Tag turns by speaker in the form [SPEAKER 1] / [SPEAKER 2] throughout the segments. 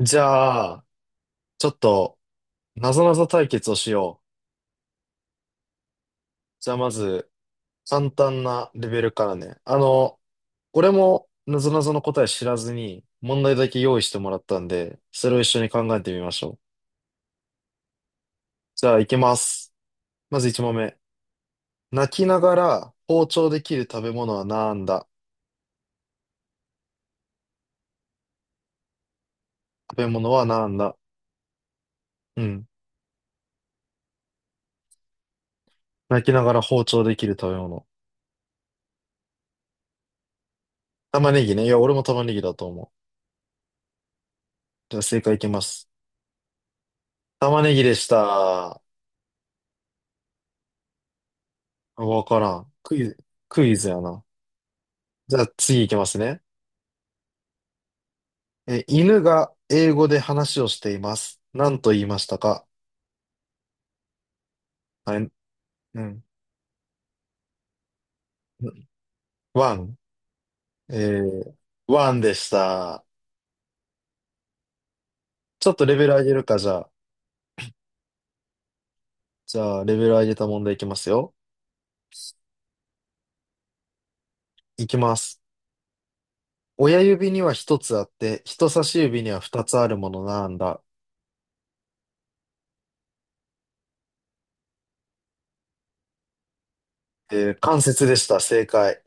[SPEAKER 1] じゃあ、ちょっと、なぞなぞ対決をしよう。じゃあ、まず、簡単なレベルからね。俺も、なぞなぞの答え知らずに、問題だけ用意してもらったんで、それを一緒に考えてみましょう。じゃあ、いきます。まず1問目。泣きながら包丁できる食べ物はなんだ？食べ物はなんだ？うん。泣きながら包丁できる食べ物。玉ねぎね。いや、俺も玉ねぎだと思う。じゃあ、正解いきます。玉ねぎでした。わからん。クイズやな。じゃあ次行きますね。犬が英語で話をしています。何と言いましたか？はい、うん。ワン。えー、ワンでした。ちょっとレベル上げるか、じゃあ。じゃあ、レベル上げた問題いきますよ。いきます。親指には一つあって、人差し指には二つあるものなんだ。関節でした。正解。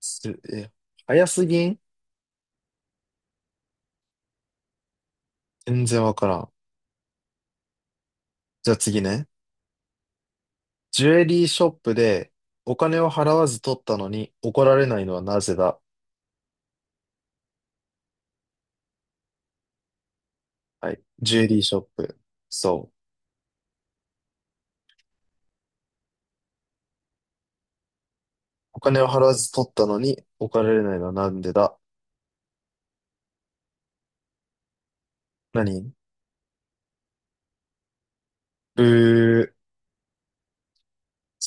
[SPEAKER 1] すえ、早すぎん？全然わからん。じゃあ次ね。ジュエリーショップでお金を払わず取ったのに怒られないのはなぜだ？はい。ジュエリーショップ。そう。お金を払わず取ったのに怒られないのはなんでだ？何？う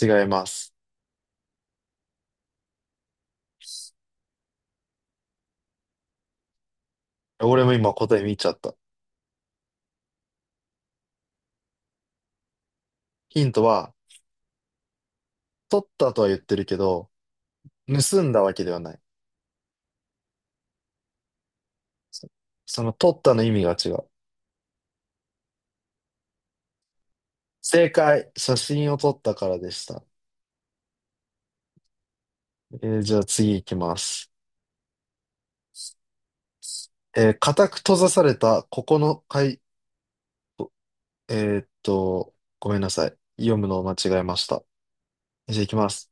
[SPEAKER 1] 違います。俺も今答え見ちゃった。ヒントは、取ったとは言ってるけど、盗んだわけではない。そその取ったの意味が違う。正解。写真を撮ったからでした。じゃあ次行きます。固く閉ざされたここの階、えーっと、ごめんなさい。読むのを間違えました。じゃあ、いきます。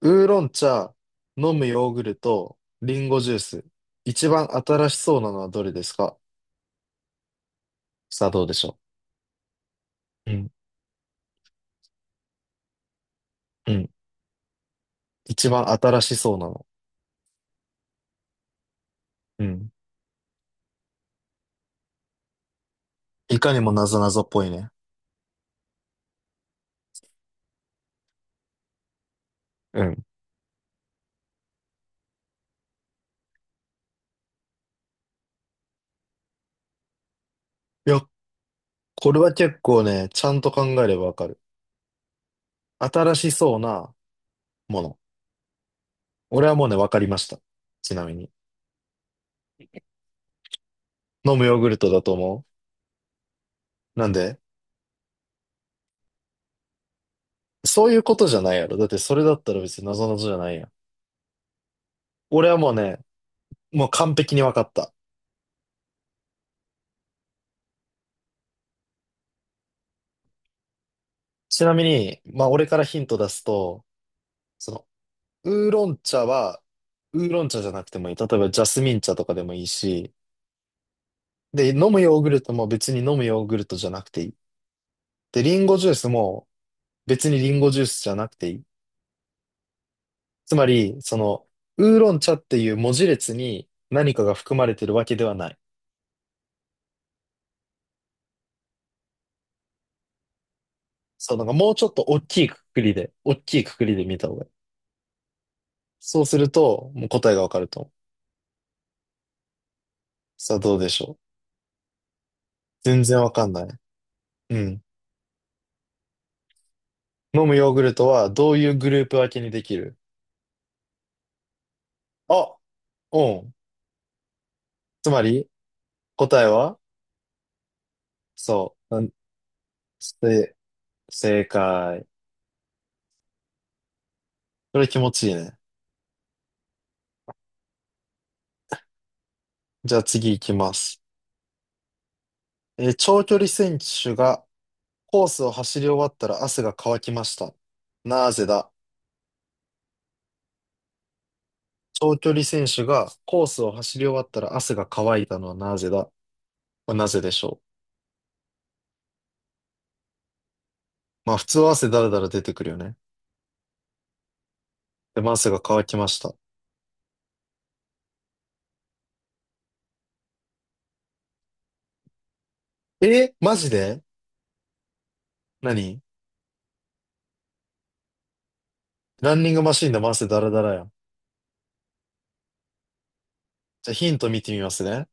[SPEAKER 1] ウーロン茶、飲むヨーグルト、リンゴジュース。一番新しそうなのはどれですか？さあ、どうでしょう。うん、うん。一番新しそうなの。うん。いかにもなぞなぞっぽいね。うん。いや、これは結構ね、ちゃんと考えればわかる。新しそうなもの。俺はもうね、わかりました。ちなみに。飲むヨーグルトだと思う。なんで？そういうことじゃないやろ。だってそれだったら別になぞなぞじゃないやん。俺はもうね、もう完璧に分かった。ちなみに、まあ俺からヒント出すと、その、ウーロン茶は、ウーロン茶じゃなくてもいい。例えばジャスミン茶とかでもいいし、で、飲むヨーグルトも別に飲むヨーグルトじゃなくていい。で、リンゴジュースも別にリンゴジュースじゃなくていい。つまり、その、ウーロン茶っていう文字列に何かが含まれてるわけではない。そう、なんかもうちょっと大きいくくりで見た方がいい。そうすると、もう答えがわかると思う。さあどうでしょう。全然わかんない。うん。飲むヨーグルトはどういうグループ分けにできる？あ、うん。つまり、答えはそう。うん。せ、正解。これ気持ちいいね。じゃあ次行きます。長距離選手がコースを走り終わったら汗が乾きました。なぜだ？長距離選手がコースを走り終わったら汗が乾いたのはなぜだ？これなぜでしょう？まあ普通は汗だらだら出てくるよね。でも汗が乾きました。えマジで？何？ランニングマシンで回せダラダラやん。じゃあヒント見てみますね。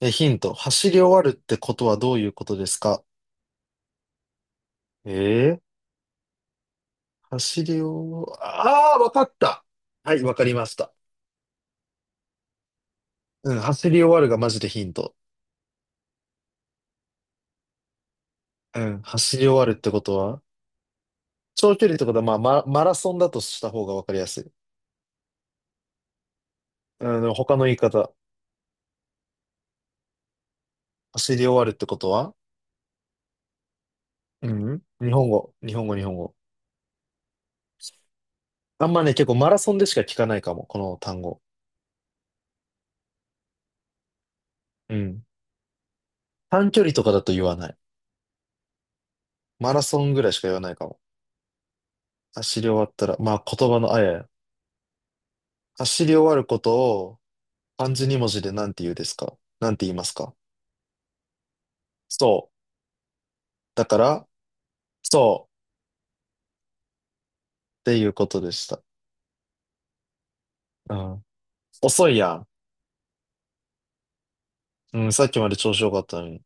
[SPEAKER 1] ヒント。走り終わるってことはどういうことですか？えー、走り終わ、ああ、わかった。はい、わかりました。うん、走り終わるがマジでヒント。うん、走り終わるってことは長距離ってことは、まあ、マラソンだとした方がわかりやすい。うん、でも他の言い方。走り終わるってことは？うん、日本語、日本語、日本語。あんまね、結構マラソンでしか聞かないかも、この単語。うん。短距離とかだと言わない。マラソンぐらいしか言わないかも。走り終わったら、まあ言葉のあやや。走り終わることを漢字に文字で何て言いますか？そう。だから、そうっていうことでした。うん。遅いやん。うん、さっきまで調子良かったのに。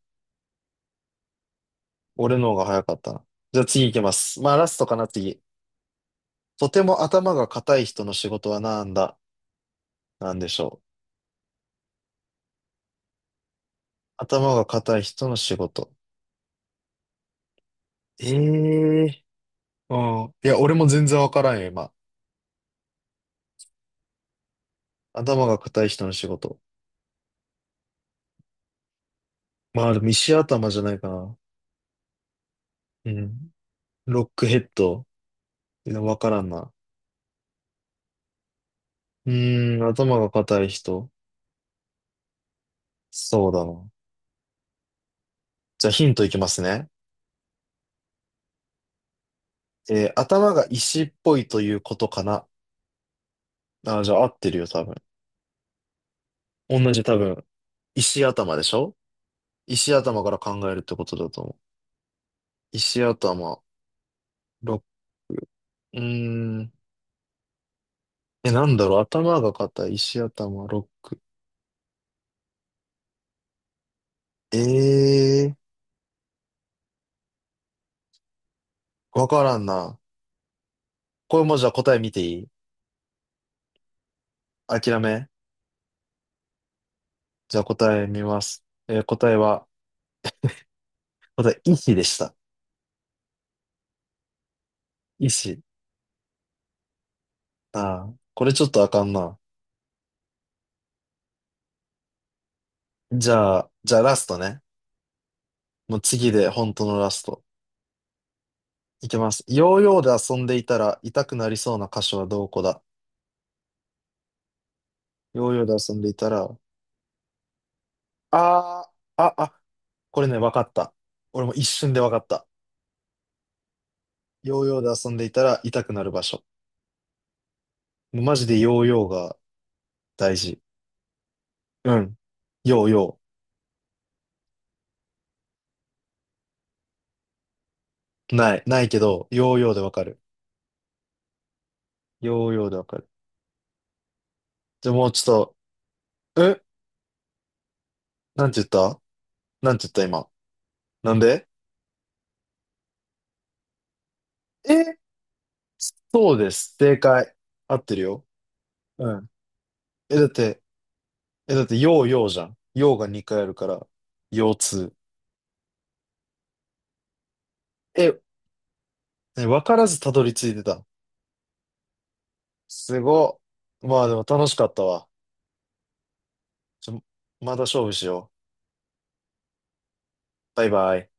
[SPEAKER 1] 俺の方が早かったな。じゃあ次行きます。まあラストかな、次。とても頭が固い人の仕事はなんだ？なんでしょう。頭が固い人の仕事。ええ。うん。いや、俺も全然わからんよ、今。頭が固い人の仕事。まあ、でも石頭じゃないかな。うん。ロックヘッド。わからんな。うーん、頭が硬い人。そうだな。じゃあヒントいきますね。頭が石っぽいということかな。あー、じゃあ合ってるよ、多分。同じ多分。石頭でしょ？石頭から考えるってことだと思う。石頭、ロック。うーん。え、なんだろう。頭が硬い、石頭、ロック。ええー、わからんな。これもじゃあ答え見ていい？諦め。じゃあ答え見ます。答えは、また、医師でした。医師。ああ、これちょっとあかんな。じゃあラストね。もう次で本当のラスト。いきます。ヨーヨーで遊んでいたら痛くなりそうな箇所はどこだ？ヨーヨーで遊んでいたら、あー、あ、あ、これね、わかった。俺も一瞬でわかった。ヨーヨーで遊んでいたら痛くなる場所。もうマジでヨーヨーが大事。うん。ヨーヨー。ない、ないけど、ヨーヨーでわかる。ヨーヨーでわかる。じゃあもうちょっと、えなんて言った？なんて言った今？なんで？え、そうです。正解。合ってるよ。うん。え、だって、え、だって、ようようじゃん。ようが2回あるから、腰痛。え、ね、わからずたどり着いてた。すごっ。まあでも楽しかったわ。ちょ、また勝負しよう。バイバイ。